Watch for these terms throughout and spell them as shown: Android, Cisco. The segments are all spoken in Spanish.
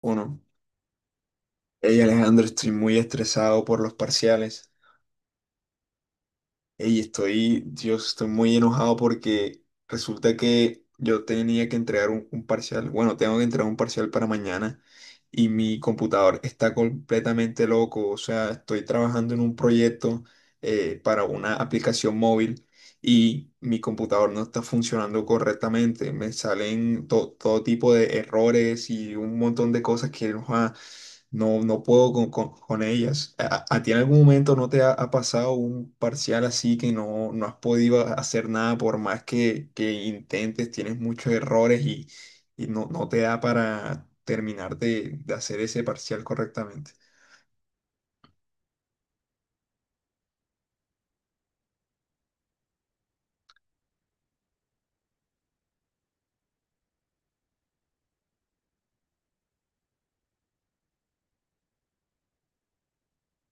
Uno. Hey Alejandro, estoy muy estresado por los parciales. Hey, estoy, Dios, estoy muy enojado porque resulta que yo tenía que entregar un parcial. Bueno, tengo que entregar un parcial para mañana y mi computador está completamente loco. O sea, estoy trabajando en un proyecto para una aplicación móvil y mi computador no está funcionando correctamente. Me salen todo tipo de errores y un montón de cosas que ujua, no puedo con ellas. ¿A ti en algún momento no te ha pasado un parcial así que no has podido hacer nada por más que intentes? Tienes muchos errores y, y no te da para terminar de hacer ese parcial correctamente.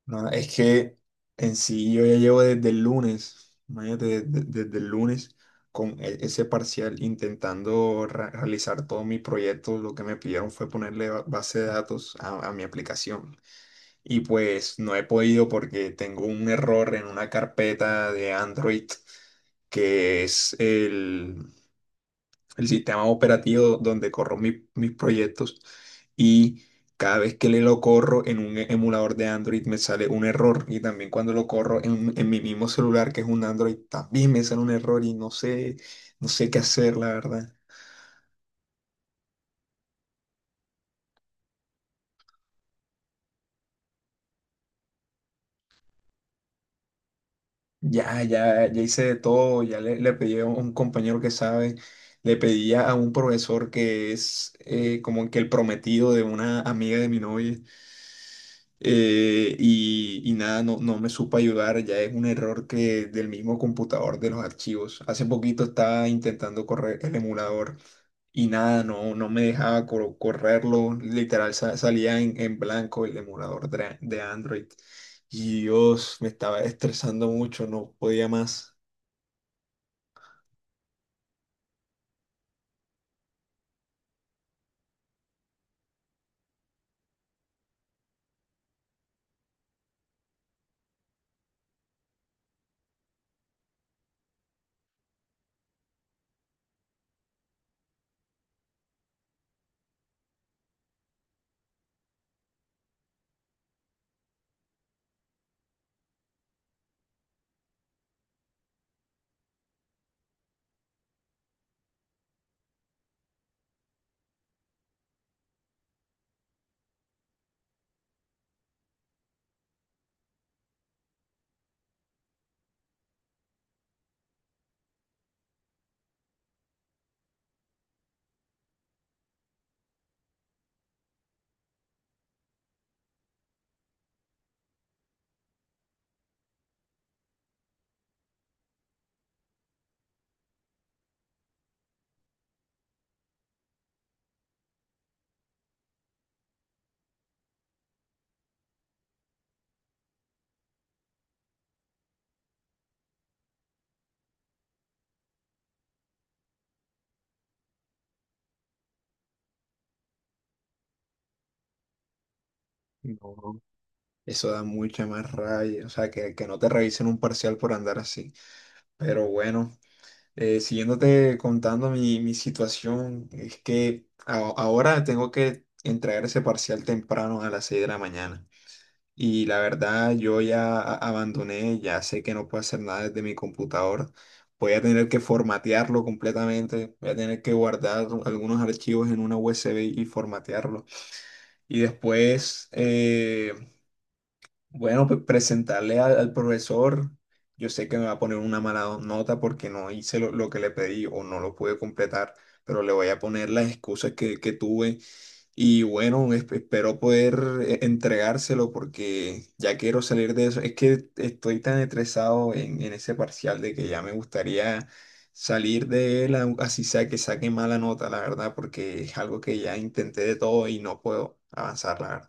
No, es que en sí yo ya llevo desde el lunes, imagínate, desde el lunes con ese parcial intentando realizar todos mis proyectos, lo que me pidieron fue ponerle base de datos a mi aplicación. Y pues no he podido porque tengo un error en una carpeta de Android que es el sistema operativo donde corro mis proyectos y cada vez que le lo corro en un emulador de Android me sale un error y también cuando lo corro en mi mismo celular que es un Android también me sale un error y no sé, no sé qué hacer, la verdad. Ya, ya, ya hice de todo, ya le pedí a un compañero que sabe, le pedí a un profesor que es como que el prometido de una amiga de mi novia y nada, no, no me supo ayudar, ya es un error que del mismo computador de los archivos. Hace poquito estaba intentando correr el emulador y nada, no, no me dejaba correrlo, literal salía en blanco el emulador de Android. Y Dios, me estaba estresando mucho, no podía más. No, eso da mucha más rabia, o sea, que no te revisen un parcial por andar así. Pero bueno. Siguiéndote contando mi, mi situación, es que ahora tengo que entregar ese parcial temprano a las 6 de la mañana. Y la verdad, yo ya abandoné, ya sé que no puedo hacer nada desde mi computador. Voy a tener que formatearlo completamente, voy a tener que guardar algunos archivos en una USB y formatearlo. Y después, bueno, pues presentarle al, al profesor, yo sé que me va a poner una mala nota porque no hice lo que le pedí o no lo pude completar, pero le voy a poner las excusas que tuve y bueno, espero poder entregárselo porque ya quiero salir de eso. Es que estoy tan estresado en ese parcial de que ya me gustaría salir de él, así sea que saque mala nota, la verdad, porque es algo que ya intenté de todo y no puedo avanzar, la verdad.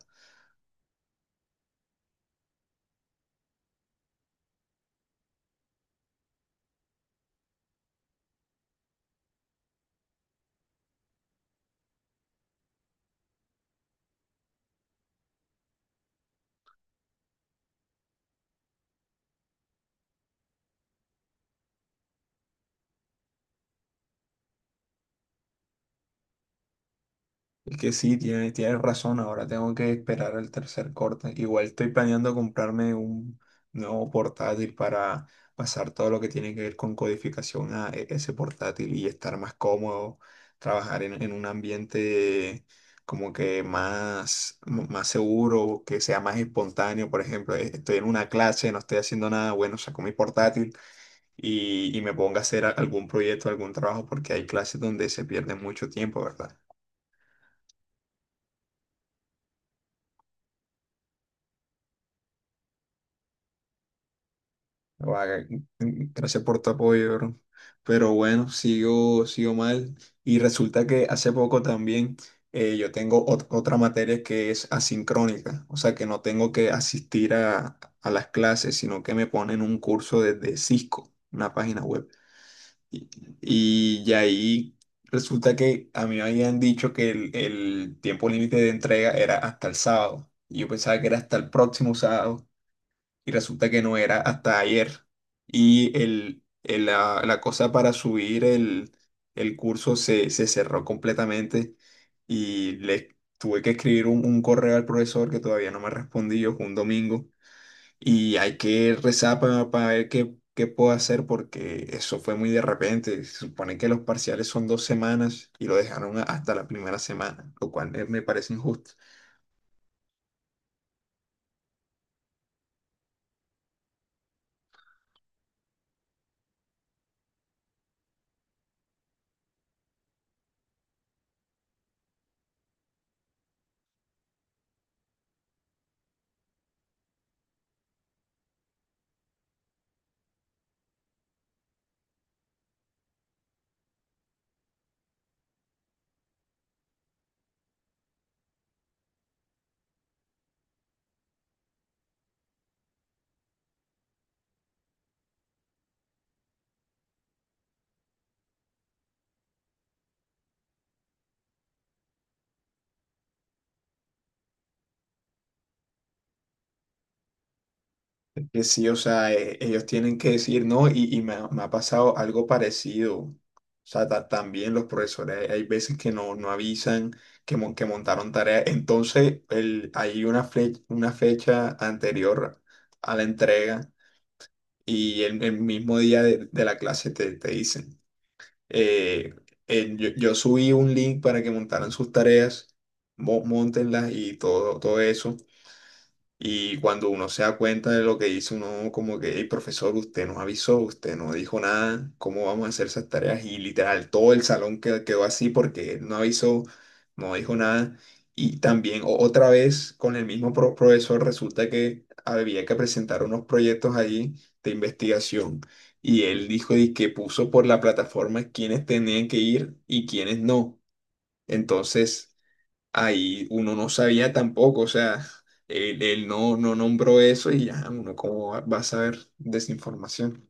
Es que sí, tienes razón, ahora tengo que esperar el tercer corte. Igual estoy planeando comprarme un nuevo portátil para pasar todo lo que tiene que ver con codificación a ese portátil y estar más cómodo, trabajar en un ambiente como que más, más seguro, que sea más espontáneo. Por ejemplo, estoy en una clase, no estoy haciendo nada, bueno, saco mi portátil y me pongo a hacer algún proyecto, algún trabajo, porque hay clases donde se pierde mucho tiempo, ¿verdad? Guau, gracias por tu apoyo, bro. Pero bueno, sigo, sigo mal. Y resulta que hace poco también yo tengo otra materia que es asincrónica, o sea que no tengo que asistir a las clases, sino que me ponen un curso desde Cisco, una página web. Y, y de ahí resulta que a mí me habían dicho que el tiempo límite de entrega era hasta el sábado. Y yo pensaba que era hasta el próximo sábado y resulta que no era hasta ayer. Y el, la, la cosa para subir el curso se, se cerró completamente y le tuve que escribir un correo al profesor que todavía no me respondió, fue un domingo, y hay que rezar para ver qué, qué puedo hacer porque eso fue muy de repente. Se supone que los parciales son dos semanas y lo dejaron hasta la primera semana, lo cual me parece injusto. Que sí, o sea, ellos tienen que decir no, y me ha pasado algo parecido. O sea, también los profesores, hay veces que no, no avisan que, que montaron tarea. Entonces, el, hay una, una fecha anterior a la entrega y el mismo día de la clase te, te dicen, eh, yo subí un link para que montaran sus tareas, móntenlas y todo, todo eso. Y cuando uno se da cuenta de lo que hizo, uno como que, hey, profesor, usted nos avisó, usted no dijo nada, ¿cómo vamos a hacer esas tareas? Y literal, todo el salón quedó así porque él no avisó, no dijo nada. Y también otra vez con el mismo profesor resulta que había que presentar unos proyectos allí de investigación. Y él dijo y que puso por la plataforma quiénes tenían que ir y quiénes no. Entonces ahí uno no sabía tampoco, o sea, él no, no nombró eso y ya uno cómo va a saber desinformación.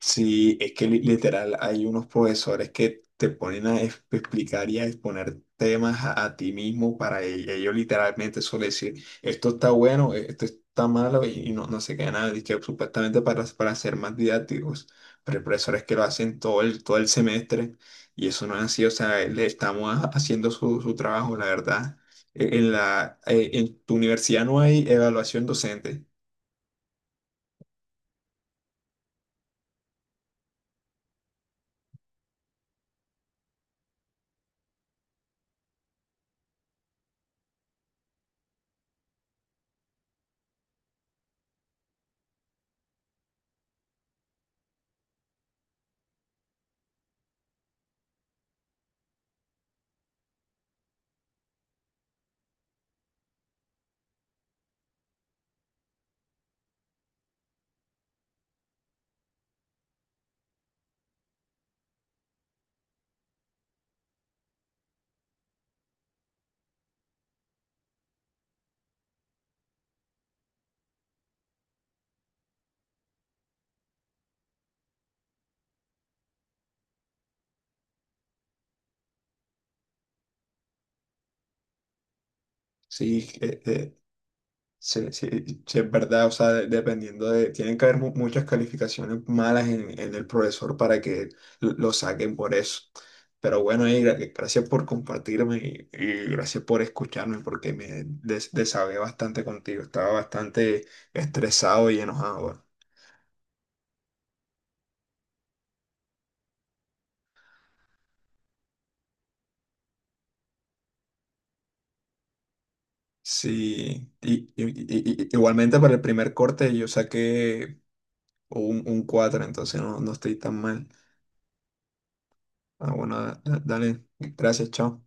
Sí, es que literal hay unos profesores que te ponen a explicar y a exponer temas a ti mismo para ellos, literalmente suelen decir, esto está bueno, esto está malo y no, no sé qué nada, y que supuestamente para ser más didácticos, pero hay profesores que lo hacen todo el semestre y eso no es así, o sea, le estamos haciendo su, su trabajo, la verdad. En la, en tu universidad no hay evaluación docente, sí. E, e, sí, sí, sí, es verdad, o sea, dependiendo de, tienen que haber muchas calificaciones malas en el profesor para que lo saquen por eso. Pero bueno, y gracias por compartirme y gracias por escucharme porque me desahogué bastante contigo, estaba bastante estresado y enojado. Bueno. Sí, y, igualmente para el primer corte yo saqué un 4 entonces no, no estoy tan mal. Ah, bueno, dale, gracias, chao.